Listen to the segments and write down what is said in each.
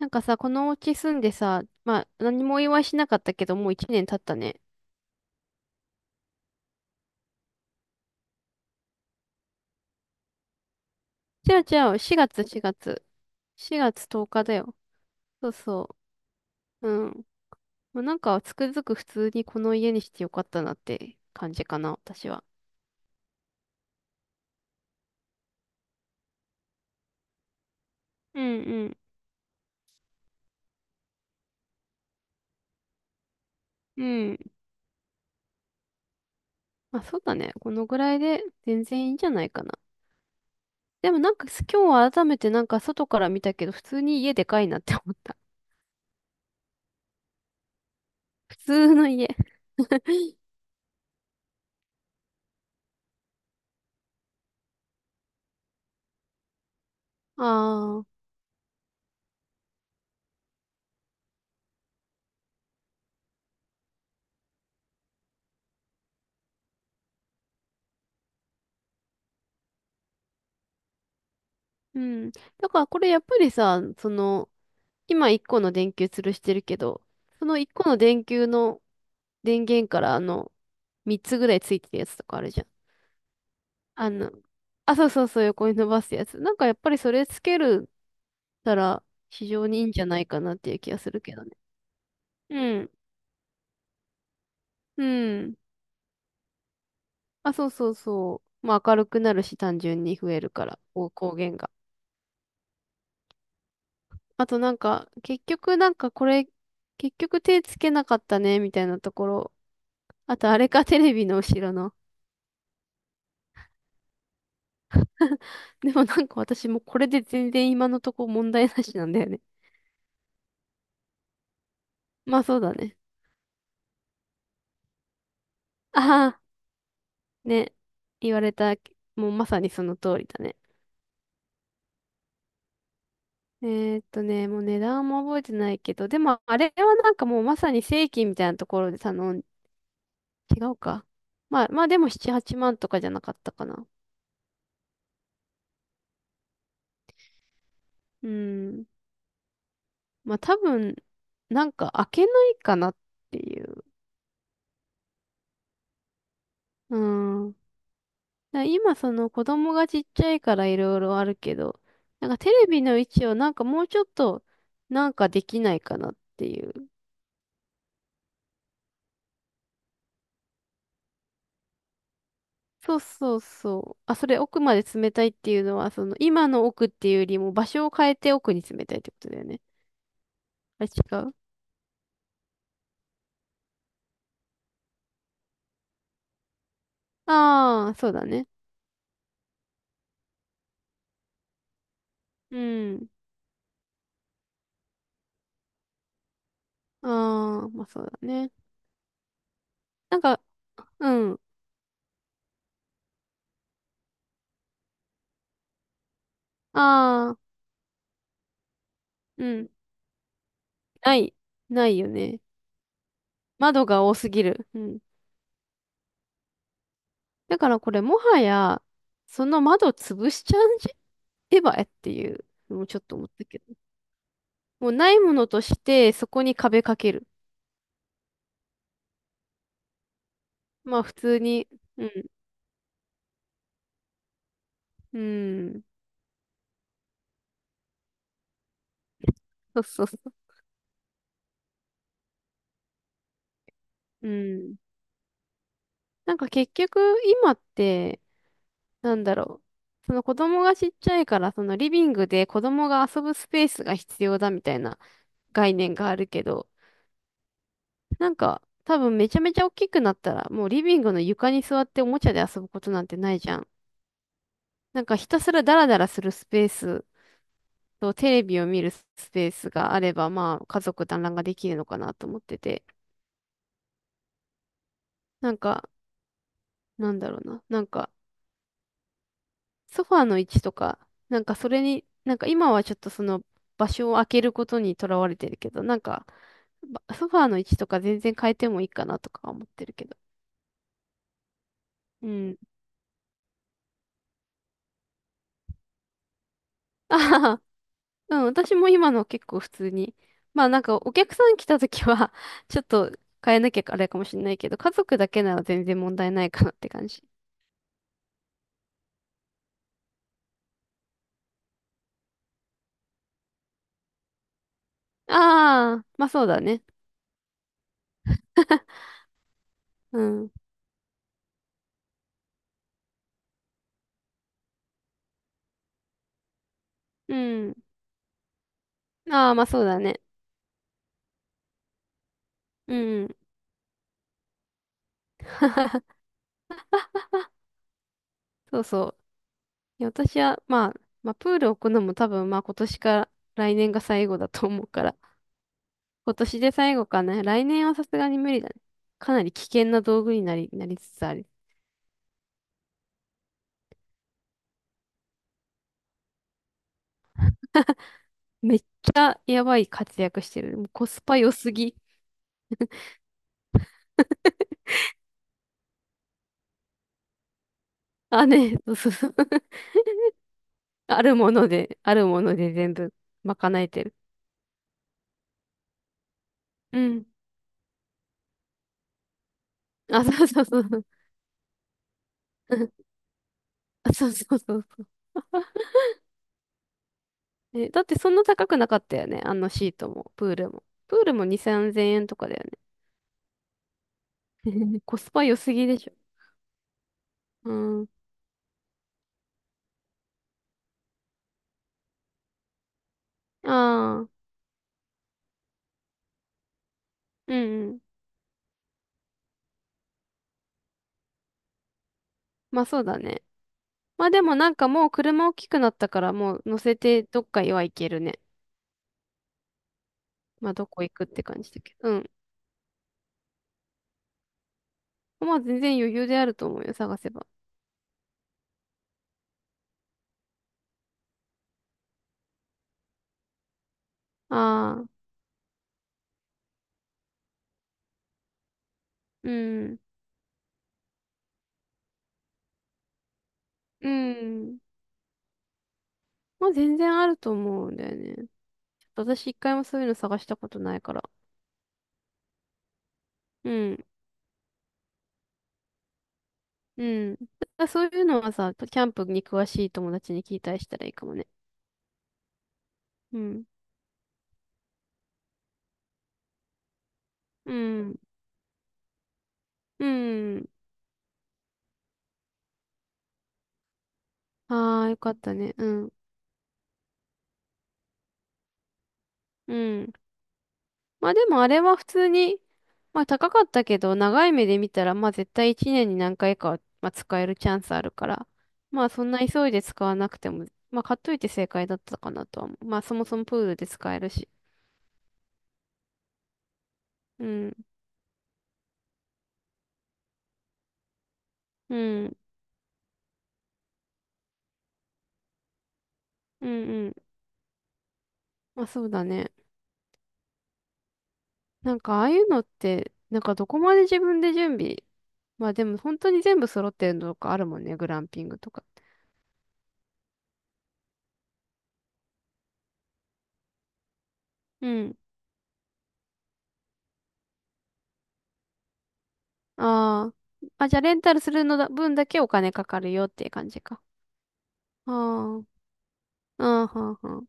なんかさ、このお家住んでさ、まあ、何もお祝いしなかったけど、もう一年経ったね。じゃあ、4月、4月。4月10日だよ。そうそう。うん。まあ、なんか、つくづく普通にこの家にしてよかったなって感じかな、私は。うんうん。うん。まあ、そうだね。このぐらいで全然いいんじゃないかな。でもなんか、今日は改めてなんか外から見たけど、普通に家でかいなって思った。普通の家。ああ。うん。だからこれやっぱりさ、その、今1個の電球吊るしてるけど、その1個の電球の電源からあの、3つぐらいついてるやつとかあるじゃん。あの、あ、そうそうそう、横に伸ばすやつ。なんかやっぱりそれつけるたら非常にいいんじゃないかなっていう気がするけどね。うん。うん。あ、そうそうそう。まあ明るくなるし単純に増えるから、こう光源が。あとなんか、結局なんかこれ、結局手つけなかったね、みたいなところ。あとあれか、テレビの後ろの。でもなんか私もこれで全然今のとこ問題なしなんだよね。まあそうだね。ああ、ね。言われた、もうまさにその通りだね。えもう値段も覚えてないけど、でもあれはなんかもうまさに正規みたいなところで違うか。まあまあでも7、8万とかじゃなかったかな。うん。まあ多分、なんか開けないかなっていう。うん。だから今その子供がちっちゃいからいろいろあるけど、なんかテレビの位置をなんかもうちょっとなんかできないかなっていう。そうそうそう。あ、それ奥まで詰めたいっていうのは、その今の奥っていうよりも場所を変えて奥に詰めたいってことだよね。あ、違うああー、そうだね。うん。ああ、まあそうだね。なんか、うん。ああ、うん。ない。ないよね。窓が多すぎる。うん。だからこれもはや、その窓潰しちゃうんじゃ手エっていうのもちょっと思ったけど。もうないものとして、そこに壁かける。まあ普通に、うん、うん、そうそうそう。うん。なんか結局今って、なんだろう。その子供がちっちゃいから、そのリビングで子供が遊ぶスペースが必要だみたいな概念があるけど、なんか多分めちゃめちゃ大きくなったら、もうリビングの床に座っておもちゃで遊ぶことなんてないじゃん。なんかひたすらダラダラするスペースと、テレビを見るスペースがあれば、まあ、家族団らんができるのかなと思ってて、なんか、なんだろうな、なんか、ソファーの位置とか、なんかそれに、なんか今はちょっとその場所を空けることにとらわれてるけど、なんか、ソファーの位置とか全然変えてもいいかなとか思ってるけど。うん。あははうん、私も今の結構普通に。まあなんかお客さん来た時は ちょっと変えなきゃあれかもしれないけど、家族だけなら全然問題ないかなって感じ。ああ、まあそうだね。うん。うん。ああ、まあそうだね。うん。そうそう。いや私は、まあ、まあ、プール置くのも多分、まあ今年か来年が最後だと思うから、今年で最後かな。来年はさすがに無理だね。かなり危険な道具になり、なりつつある。めっちゃやばい活躍してる。もうコスパ良すぎ。あ、ね、そうそうそう。あるもので、あるもので全部賄えてる。うん。あ、そうそうそう。あそうそうそう。え、だってそんな高くなかったよね。あのシートも、プールも。プールも2、3000円とかだよね。コスパ良すぎでしょ。うん。ああ、うんうん。まあそうだね。まあでもなんかもう車大きくなったからもう乗せてどっかへは行けるね。まあどこ行くって感じだけど。うん。まあ全然余裕であると思うよ、探せば。ああ、うん。うん。まあ全然あると思うんだよね。ちょっと私一回もそういうの探したことないから。うん。うん。あ、そういうのはさ、キャンプに詳しい友達に聞いたりしたらいいかもね。うん。うん。うん。ああ、よかったね。うん。うん。まあでもあれは普通に、まあ高かったけど、長い目で見たら、まあ絶対1年に何回かは、まあ、使えるチャンスあるから、まあそんな急いで使わなくても、まあ買っといて正解だったかなとは思う。まあそもそもプールで使えるし。うん。うん。うんうん。まあそうだね。なんかああいうのって、なんかどこまで自分で準備。まあでも本当に全部揃ってるのとかあるもんね、グランピングとか。うん。ああ。あ、じゃあレンタルする分だけお金かかるよっていう感じか。あーあー。あはーはー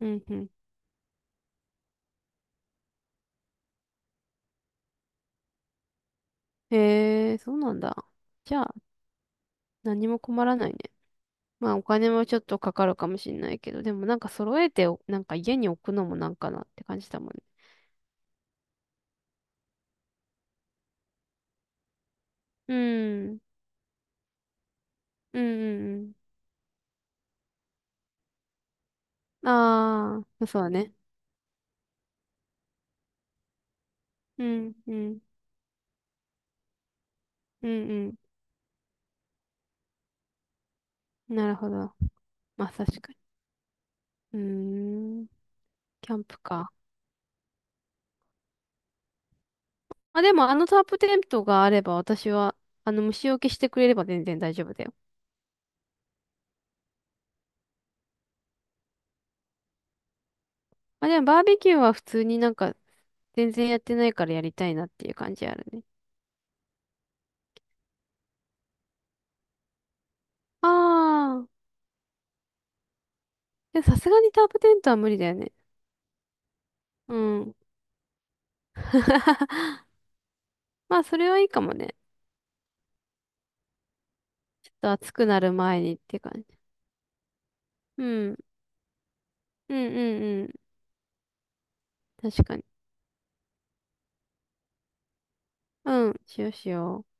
うん、うん。へえ、そうなんだ。じゃあ何も困らないね。まあお金もちょっとかかるかもしれないけど、でもなんか揃えてお、なんか家に置くのもなんかなって感じだもんね。うん。うん、うん、うん。ああ、そうだね。うん、うん。うんうん。なるほど。まあ確かに。うーん。キャンプか。まあ、でもあのタープテントがあれば私は、あの虫除けしてくれれば全然大丈夫だよ。まあでもバーベキューは普通になんか全然やってないからやりたいなっていう感じあるね。ああ。でもさすがにタープテントは無理だよね。うん。まあそれはいいかもね。ちょっと暑くなる前にって感じ。うん。うんうんうん。確かに。うん。しようしよう。